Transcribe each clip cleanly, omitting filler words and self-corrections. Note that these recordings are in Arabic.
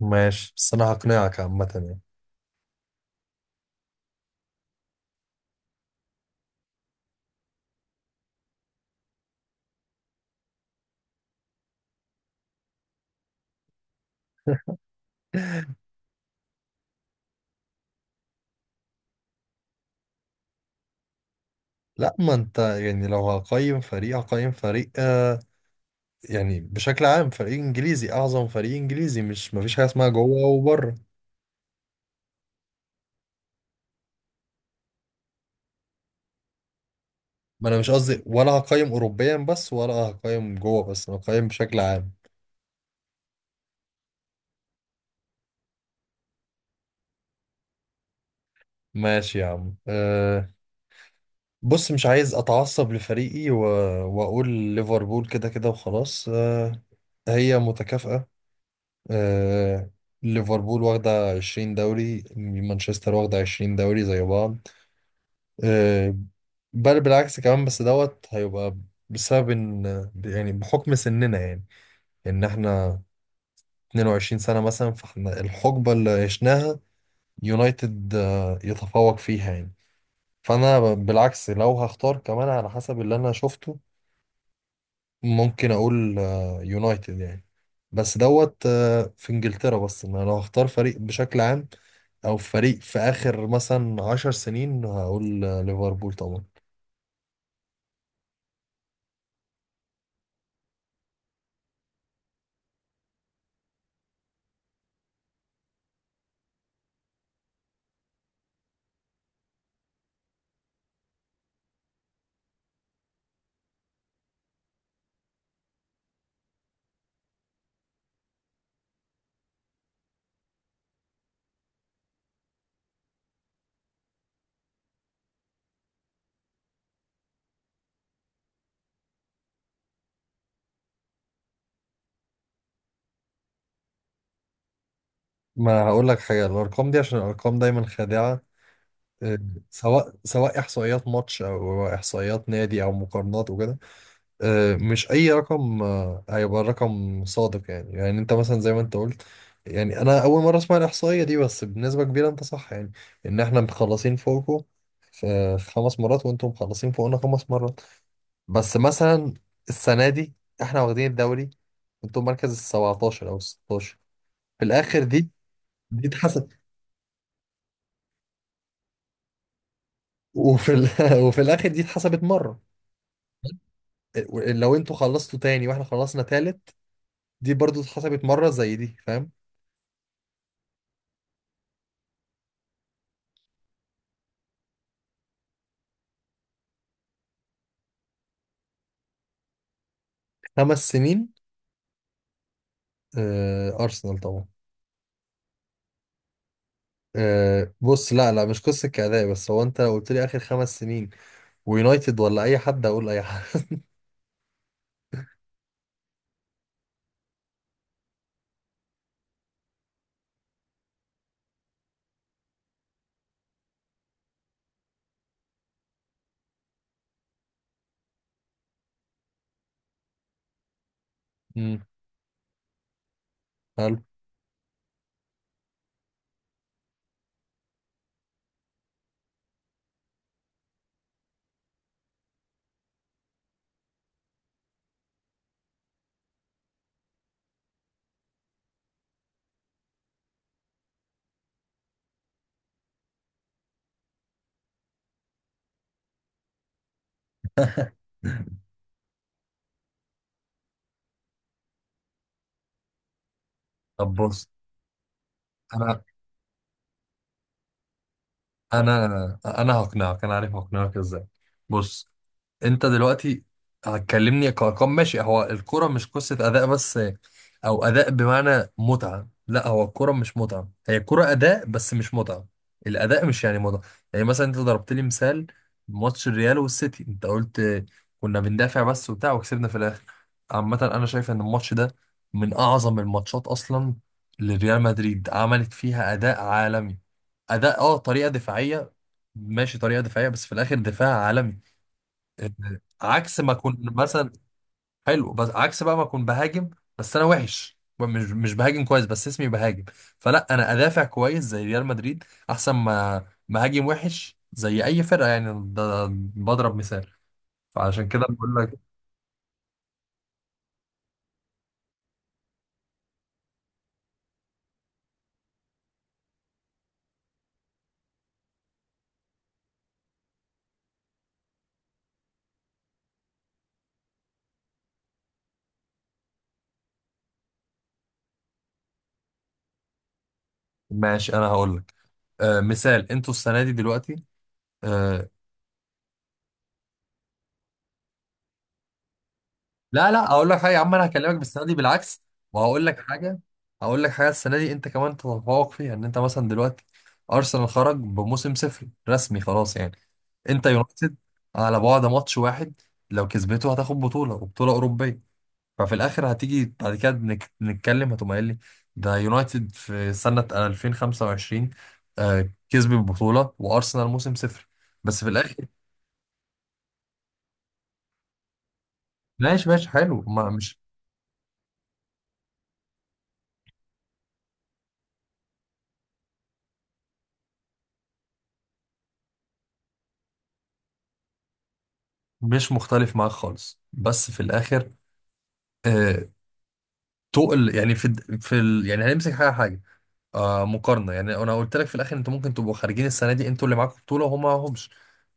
ماشي، بس انا هقنعك عامة يعني. لا، ما انت يعني لو هقيم فريق هقيم فريق، يعني بشكل عام فريق انجليزي، اعظم فريق انجليزي، مش مفيش حاجة اسمها جوه وبره. ما انا مش قصدي ولا هقيم اوروبيا بس ولا هقيم جوه بس، انا هقيم بشكل عام. ماشي يا عم، آه. بص مش عايز اتعصب لفريقي واقول ليفربول كده كده وخلاص، آه. هي متكافئة، آه، ليفربول واخدة 20 دوري، مانشستر واخدة 20 دوري، زي بعض، آه، بل بالعكس كمان بس دوت هيبقى بسبب ان يعني بحكم سننا يعني، ان احنا 22 سنة مثلا، فاحنا الحقبة اللي عشناها يونايتد، يتفوق فيها يعني. فانا بالعكس لو هختار كمان على حسب اللي انا شفته ممكن اقول يونايتد يعني، بس دوت في انجلترا، بس انا لو هختار فريق بشكل عام او فريق في اخر مثلا عشر سنين هقول ليفربول طبعا. ما هقول لك حاجه، الارقام دي عشان الارقام دايما خادعه، آه، سواء احصائيات ماتش او احصائيات نادي او مقارنات وكده، آه، مش اي رقم هيبقى رقم صادق يعني. يعني انت مثلا زي ما انت قلت، يعني انا اول مره اسمع الاحصائيه دي بس بنسبه كبيره انت صح يعني، ان احنا مخلصين فوقكم في خمس مرات وانتم مخلصين فوقنا خمس مرات. بس مثلا السنه دي احنا واخدين الدوري، انتم مركز ال 17 او ال 16 في الاخر دي، دي اتحسب. وفي ال... وفي الاخر دي اتحسبت مره. إيه، لو انتوا خلصتوا تاني واحنا خلصنا تالت دي برضو اتحسبت مره زي دي، فاهم؟ خمس سنين؟ آه، أرسنال طبعا. آه، بص، لا لا، مش قصة كأداء، بس هو أنت لو قلت لي آخر خمس سنين ويونايتد ولا أي حد أقول أي حد. مم. حلو. طب بص، انا انا هقنعك، انا عارف هقنعك ازاي. بص، انت دلوقتي هتكلمني كارقام، ماشي، هو الكرة مش قصة اداء بس، او اداء بمعنى متعة. لا، هو الكرة مش متعة، هي الكرة اداء بس مش متعة. الاداء مش يعني متعة. يعني مثلا انت ضربت لي مثال ماتش الريال والسيتي، انت قلت كنا بندافع بس وبتاع وكسبنا في الاخر. عامة انا شايف ان الماتش ده من اعظم الماتشات اصلا لريال مدريد، عملت فيها اداء عالمي. اداء، اه، طريقة دفاعية، ماشي، طريقة دفاعية بس في الاخر دفاع عالمي. عكس ما اكون مثلا. حلو، بس عكس بقى ما اكون بهاجم، بس انا وحش، مش بهاجم كويس بس اسمي بهاجم. فلا، انا ادافع كويس زي ريال مدريد احسن ما مهاجم وحش زي اي فرقه يعني. ده بضرب مثال. فعشان كده بقول لك. ماشي، انا هقول لك، آه، مثال، انتوا السنه دي دلوقتي، آه، لا لا اقول لك حاجه يا عم، انا هكلمك بالسنه دي بالعكس، وهقول لك حاجه. هقول لك حاجه، السنه دي انت كمان تتفوق فيها، ان انت مثلا دلوقتي ارسنال خرج بموسم صفري رسمي خلاص يعني، انت يونايتد على بعد ماتش واحد، لو كسبته هتاخد بطوله وبطوله اوروبيه. ففي الاخر هتيجي بعد كده نتكلم هتقوم قايل لي ده يونايتد في سنه 2025، آه، كسب البطوله وارسنال موسم صفر. بس في الاخر ماشي ماشي حلو، ما مش مش مختلف معاك خالص بس في الاخر، آه، تقل يعني في الد- في ال... يعني هنمسك حاجه آه، مقارنه. يعني انا قلت لك في الاخر انتوا ممكن تبقوا خارجين السنه دي، انتوا اللي معاكم بطوله وهم معاهمش،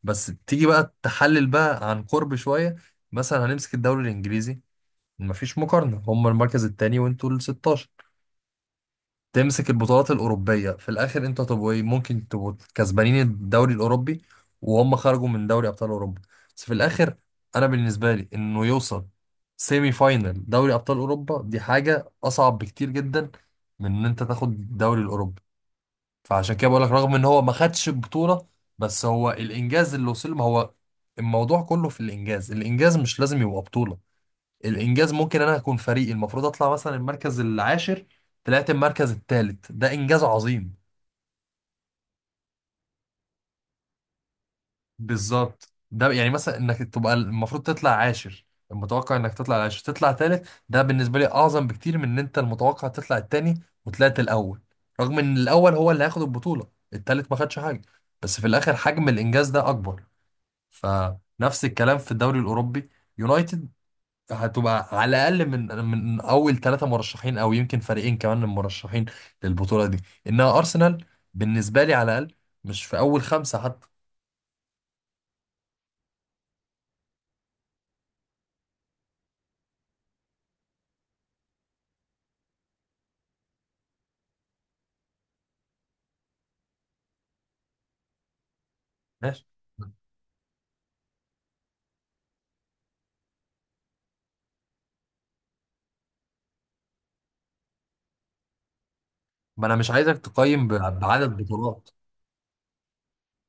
بس تيجي بقى تحلل بقى عن قرب شويه. مثلا هنمسك الدوري الانجليزي، مفيش مقارنه، هم المركز الثاني وانتوا ال 16. تمسك البطولات الأوروبية في الآخر، أنت طب وإيه، ممكن تبقوا كسبانين الدوري الأوروبي وهم خرجوا من دوري أبطال أوروبا. بس في الآخر أنا بالنسبة لي إنه يوصل سيمي فاينل دوري أبطال أوروبا دي حاجة أصعب بكتير جدا من إن أنت تاخد الدوري الأوروبي. فعشان كده بقول لك رغم إن هو ما خدش البطولة، بس هو الإنجاز اللي وصل ما هو، الموضوع كله في الإنجاز. الإنجاز مش لازم يبقى بطولة. الانجاز ممكن انا اكون فريقي المفروض اطلع مثلا المركز العاشر، طلعت المركز الثالث، ده انجاز عظيم. بالظبط، ده يعني مثلا انك تبقى المفروض تطلع عاشر، المتوقع انك تطلع العاشر تطلع ثالث، ده بالنسبه لي اعظم بكتير من ان انت المتوقع تطلع الثاني وطلعت الاول، رغم ان الاول هو اللي هياخد البطوله الثالث ما خدش حاجه، بس في الاخر حجم الانجاز ده اكبر. فنفس الكلام في الدوري الاوروبي، يونايتد هتبقى على الاقل من اول ثلاثه مرشحين، او يمكن فريقين كمان من المرشحين للبطوله دي، انها ارسنال بالنسبه لي، على الاقل مش في اول خمسه حتى. ماشي، ما انا مش عايزك تقيم بعدد بطولات.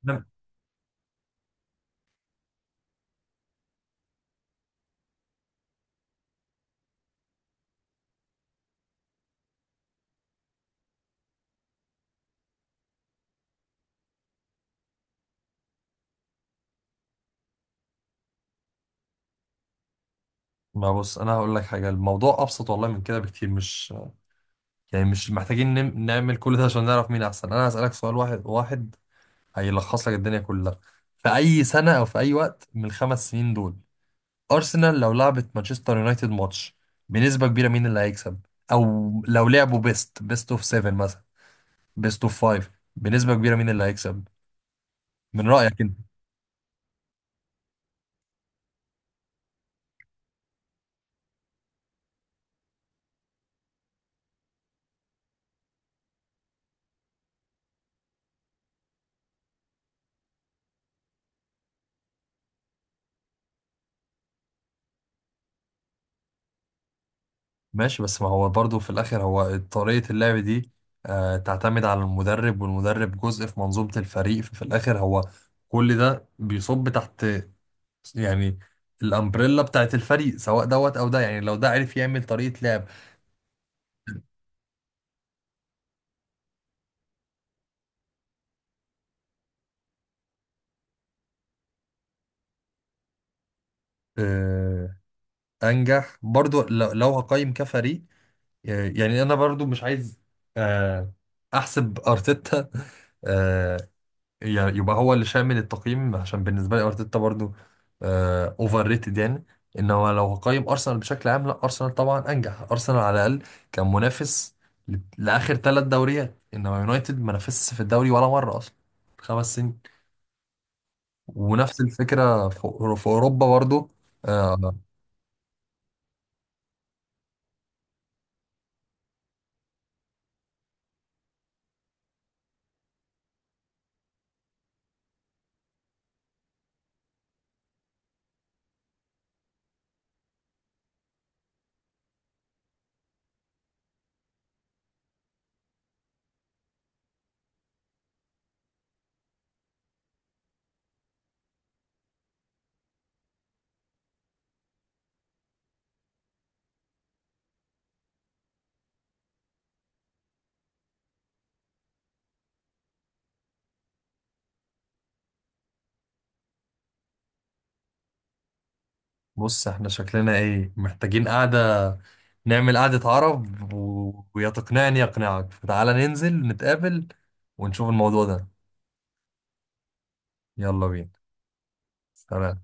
نعم. ما بص، انا هقول لك حاجه، الموضوع ابسط والله من كده بكتير، مش يعني مش محتاجين نعمل كل ده عشان نعرف مين احسن. انا هسالك سؤال واحد واحد هيلخص لك الدنيا كلها. في اي سنه او في اي وقت من الخمس سنين دول، أرسنال لو لعبت مانشستر يونايتد ماتش، بنسبة كبيرة مين اللي هيكسب؟ أو لو لعبوا بيست أوف 7 مثلا، بيست أوف 5، بنسبة كبيرة مين اللي هيكسب من رأيك أنت؟ ماشي، بس ما هو برضو في الآخر هو طريقة اللعب دي، آه، تعتمد على المدرب، والمدرب جزء في منظومة الفريق. ففي الآخر هو كل ده بيصب تحت يعني الأمبريلا بتاعت الفريق، سواء دوت أو ده. يعني لو ده عرف يعمل طريقة لعب. آه، أنجح، برضو لو لو هقيم كفريق، آه، يعني انا برضو مش عايز، آه، احسب ارتيتا، آه، يبقى هو اللي شامل التقييم، عشان بالنسبه لي ارتيتا برضو اوفر ريتد يعني. انما لو هقيم ارسنال بشكل عام، لا، ارسنال طبعا انجح. ارسنال على الاقل كان منافس لاخر ثلاث دوريات، انما يونايتد ما نافسش في الدوري ولا مره اصلا، خمس سنين. ونفس الفكره في في اوروبا برضو، آه. بص احنا شكلنا ايه، محتاجين قعدة، نعمل قعدة عرب ويا تقنعني يقنعك، فتعالى ننزل نتقابل ونشوف الموضوع ده. يلا بينا، سلام.